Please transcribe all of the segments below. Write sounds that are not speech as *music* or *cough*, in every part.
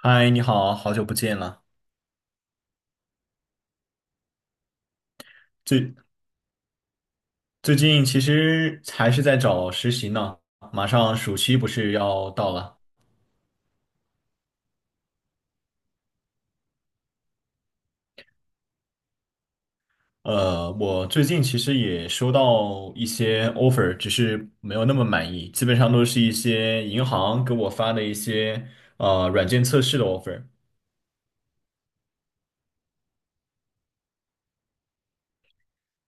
嗨，你好，好久不见了。最最近其实还是在找实习呢，马上暑期不是要到了。我最近其实也收到一些 offer，只是没有那么满意，基本上都是一些银行给我发的一些软件测试的 offer。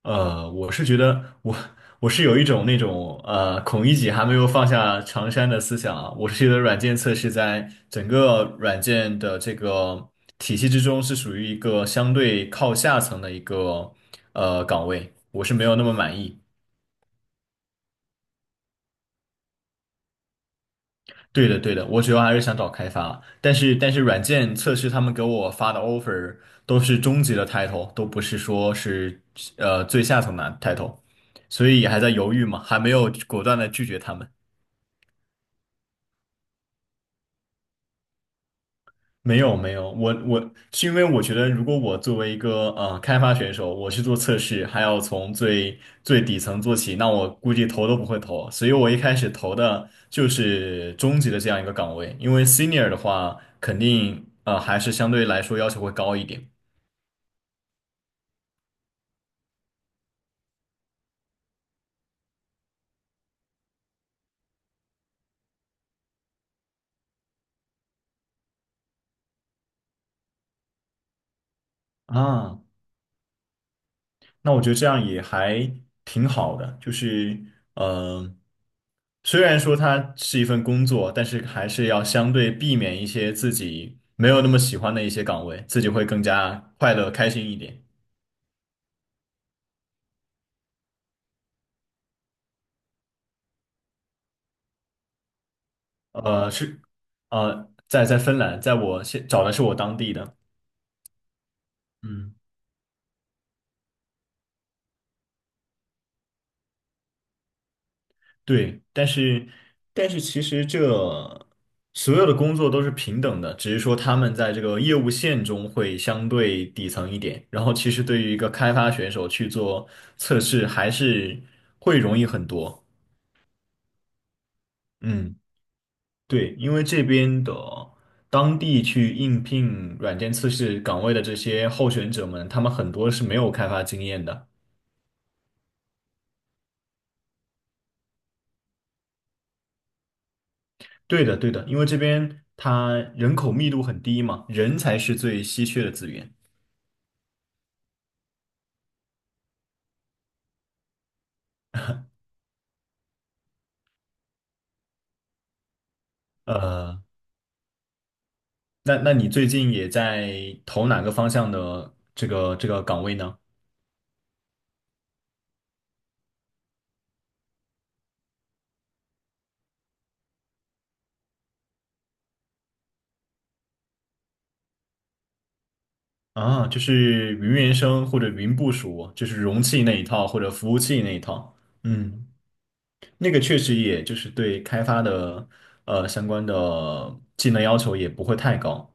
我是觉得我我是有一种那种孔乙己还没有放下长衫的思想啊。我是觉得软件测试在整个软件的这个体系之中是属于一个相对靠下层的一个岗位，我是没有那么满意。对的，对的，我主要还是想找开发，但是软件测试他们给我发的 offer 都是中级的 title,都不是说是最下层的 title,所以还在犹豫嘛，还没有果断的拒绝他们。没有没有，我是因为我觉得，如果我作为一个开发选手，我去做测试，还要从最底层做起，那我估计投都不会投，所以我一开始投的就是中级的这样一个岗位，因为 senior 的话，肯定还是相对来说要求会高一点。啊。那我觉得这样也还挺好的，就是嗯，虽然说它是一份工作，但是还是要相对避免一些自己没有那么喜欢的一些岗位，自己会更加快乐开心一点。呃，是在在芬兰，在我现找的是我当地的。嗯。对，但是其实这所有的工作都是平等的，只是说他们在这个业务线中会相对底层一点。然后其实对于一个开发选手去做测试，还是会容易很多。嗯，对，因为这边的当地去应聘软件测试岗位的这些候选者们，他们很多是没有开发经验的。对的，对的，因为这边它人口密度很低嘛，人才是最稀缺的资源。呃，那你最近也在投哪个方向的这个岗位呢？啊，就是云原生或者云部署，就是容器那一套或者服务器那一套。嗯，那个确实也就是对开发的相关的技能要求也不会太高。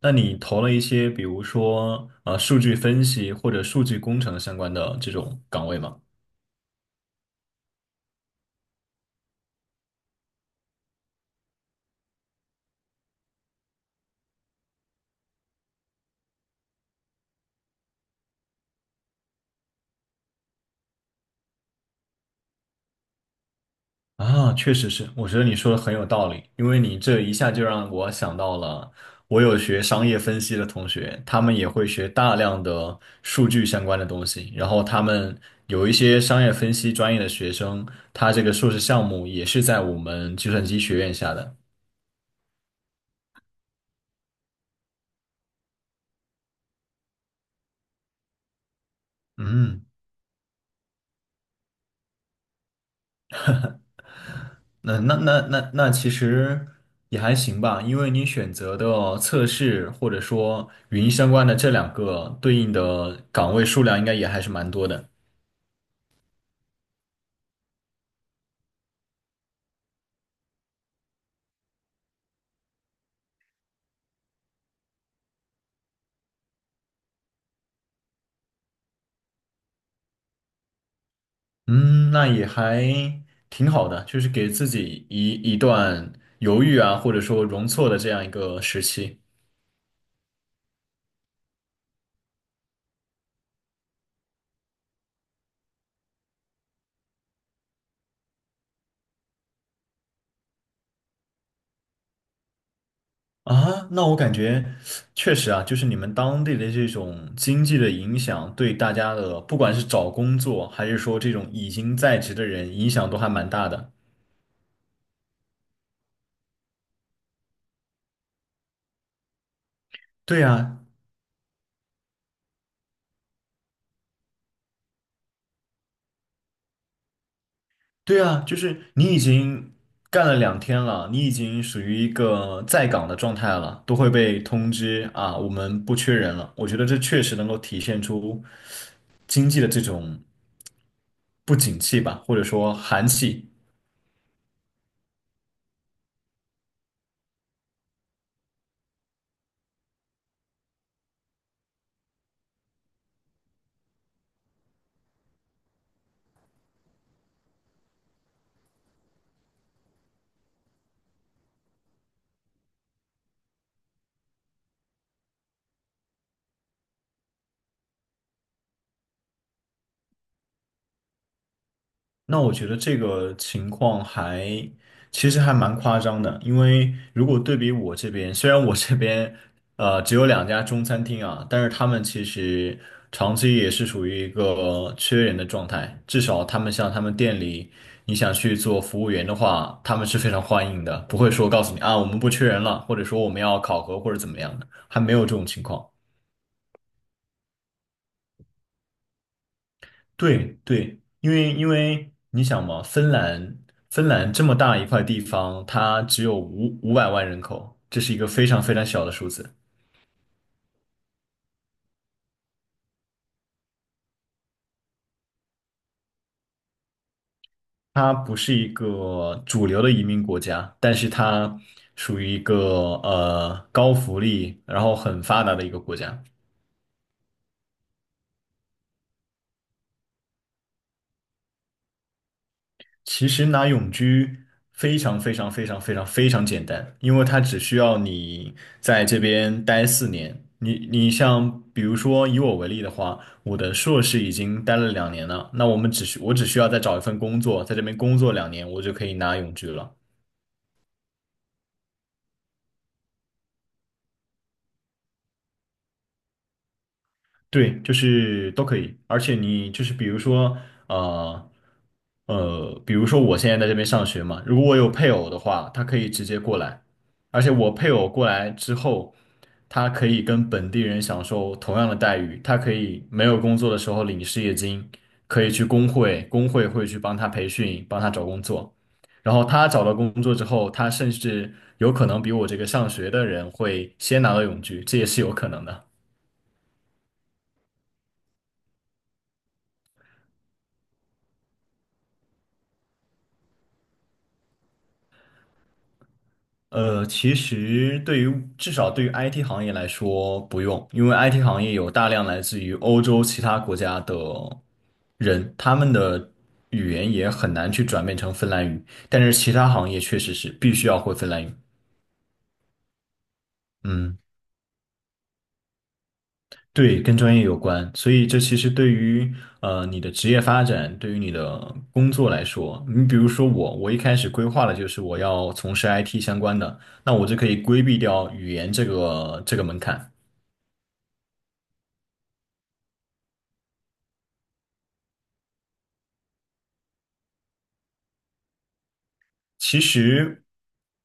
那你投了一些比如说数据分析或者数据工程相关的这种岗位吗？啊，确实是，我觉得你说的很有道理，因为你这一下就让我想到了，我有学商业分析的同学，他们也会学大量的数据相关的东西，然后他们有一些商业分析专业的学生，他这个硕士项目也是在我们计算机学院下的。嗯，那其实也还行吧，因为你选择的测试或者说语音相关的这两个对应的岗位数量应该也还是蛮多的。嗯，那也还挺好的，就是给自己一段犹豫啊，或者说容错的这样一个时期啊。那我感觉确实啊，就是你们当地的这种经济的影响，对大家的不管是找工作，还是说这种已经在职的人，影响都还蛮大的。对啊，对啊，就是你已经干了两天了，你已经属于一个在岗的状态了，都会被通知啊，我们不缺人了。我觉得这确实能够体现出。经济的这种不景气吧，或者说寒气。那我觉得这个情况还其实还蛮夸张的，因为如果对比我这边，虽然我这边只有两家中餐厅啊，但是他们其实长期也是属于一个缺人的状态，至少他们像他们店里，你想去做服务员的话，他们是非常欢迎的，不会说告诉你啊我们不缺人了，或者说我们要考核或者怎么样的，还没有这种情况。对对，因为你想嘛，芬兰这么大一块地方，它只有五百万人口，这是一个非常非常小的数字。它不是一个主流的移民国家，但是它属于一个高福利，然后很发达的一个国家。其实拿永居非常非常非常非常非常简单，因为它只需要你在这边待四年。你像比如说以我为例的话，我的硕士已经待了两年了，那我只需要再找一份工作，在这边工作两年，我就可以拿永居了。对，就是都可以，而且你就是比如说，呃，比如说我现在在这边上学嘛，如果我有配偶的话，他可以直接过来，而且我配偶过来之后，他可以跟本地人享受同样的待遇，他可以没有工作的时候领失业金，可以去工会，工会会去帮他培训，帮他找工作，然后他找到工作之后，他甚至有可能比我这个上学的人会先拿到永居，这也是有可能的。其实对于至少对于 IT 行业来说不用，因为 IT 行业有大量来自于欧洲其他国家的人，他们的语言也很难去转变成芬兰语，但是其他行业确实是必须要会芬兰语。嗯，对，跟专业有关，所以这其实对于你的职业发展，对于你的工作来说，你比如说我，我一开始规划的就是我要从事 IT 相关的，那我就可以规避掉语言这个门槛。其实，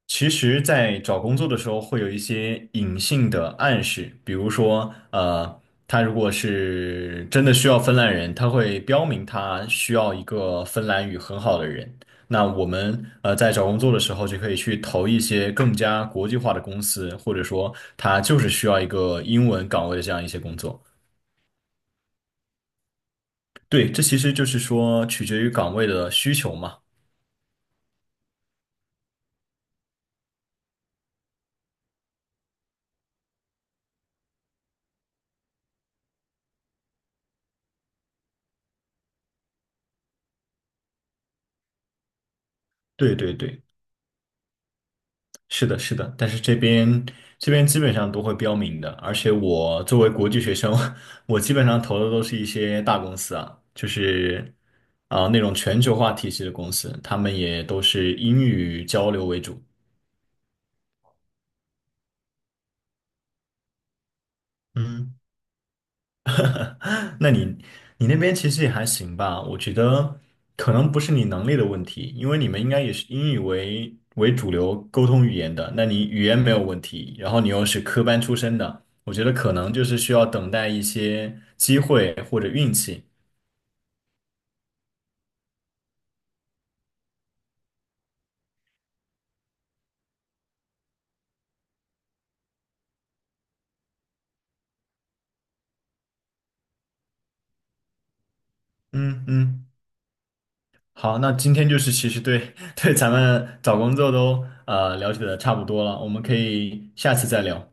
其实,在找工作的时候会有一些隐性的暗示，比如说，他如果是真的需要芬兰人，他会标明他需要一个芬兰语很好的人。那我们在找工作的时候就可以去投一些更加国际化的公司，或者说他就是需要一个英文岗位的这样一些工作。对，这其实就是说取决于岗位的需求嘛。对对对。是的，是的，但是这边基本上都会标明的，而且我作为国际学生，*laughs* 我基本上投的都是一些大公司啊，就是啊、那种全球化体系的公司，他们也都是英语交流为主。嗯。*laughs* 那你那边其实也还行吧，我觉得可能不是你能力的问题，因为你们应该也是英语为主流沟通语言的，那你语言没有问题，然后你又是科班出身的，我觉得可能就是需要等待一些机会或者运气。嗯嗯，好，那今天就是其实对 *laughs* 对咱们找工作都了解的差不多了，我们可以下次再聊。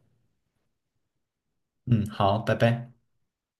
嗯，好，拜拜。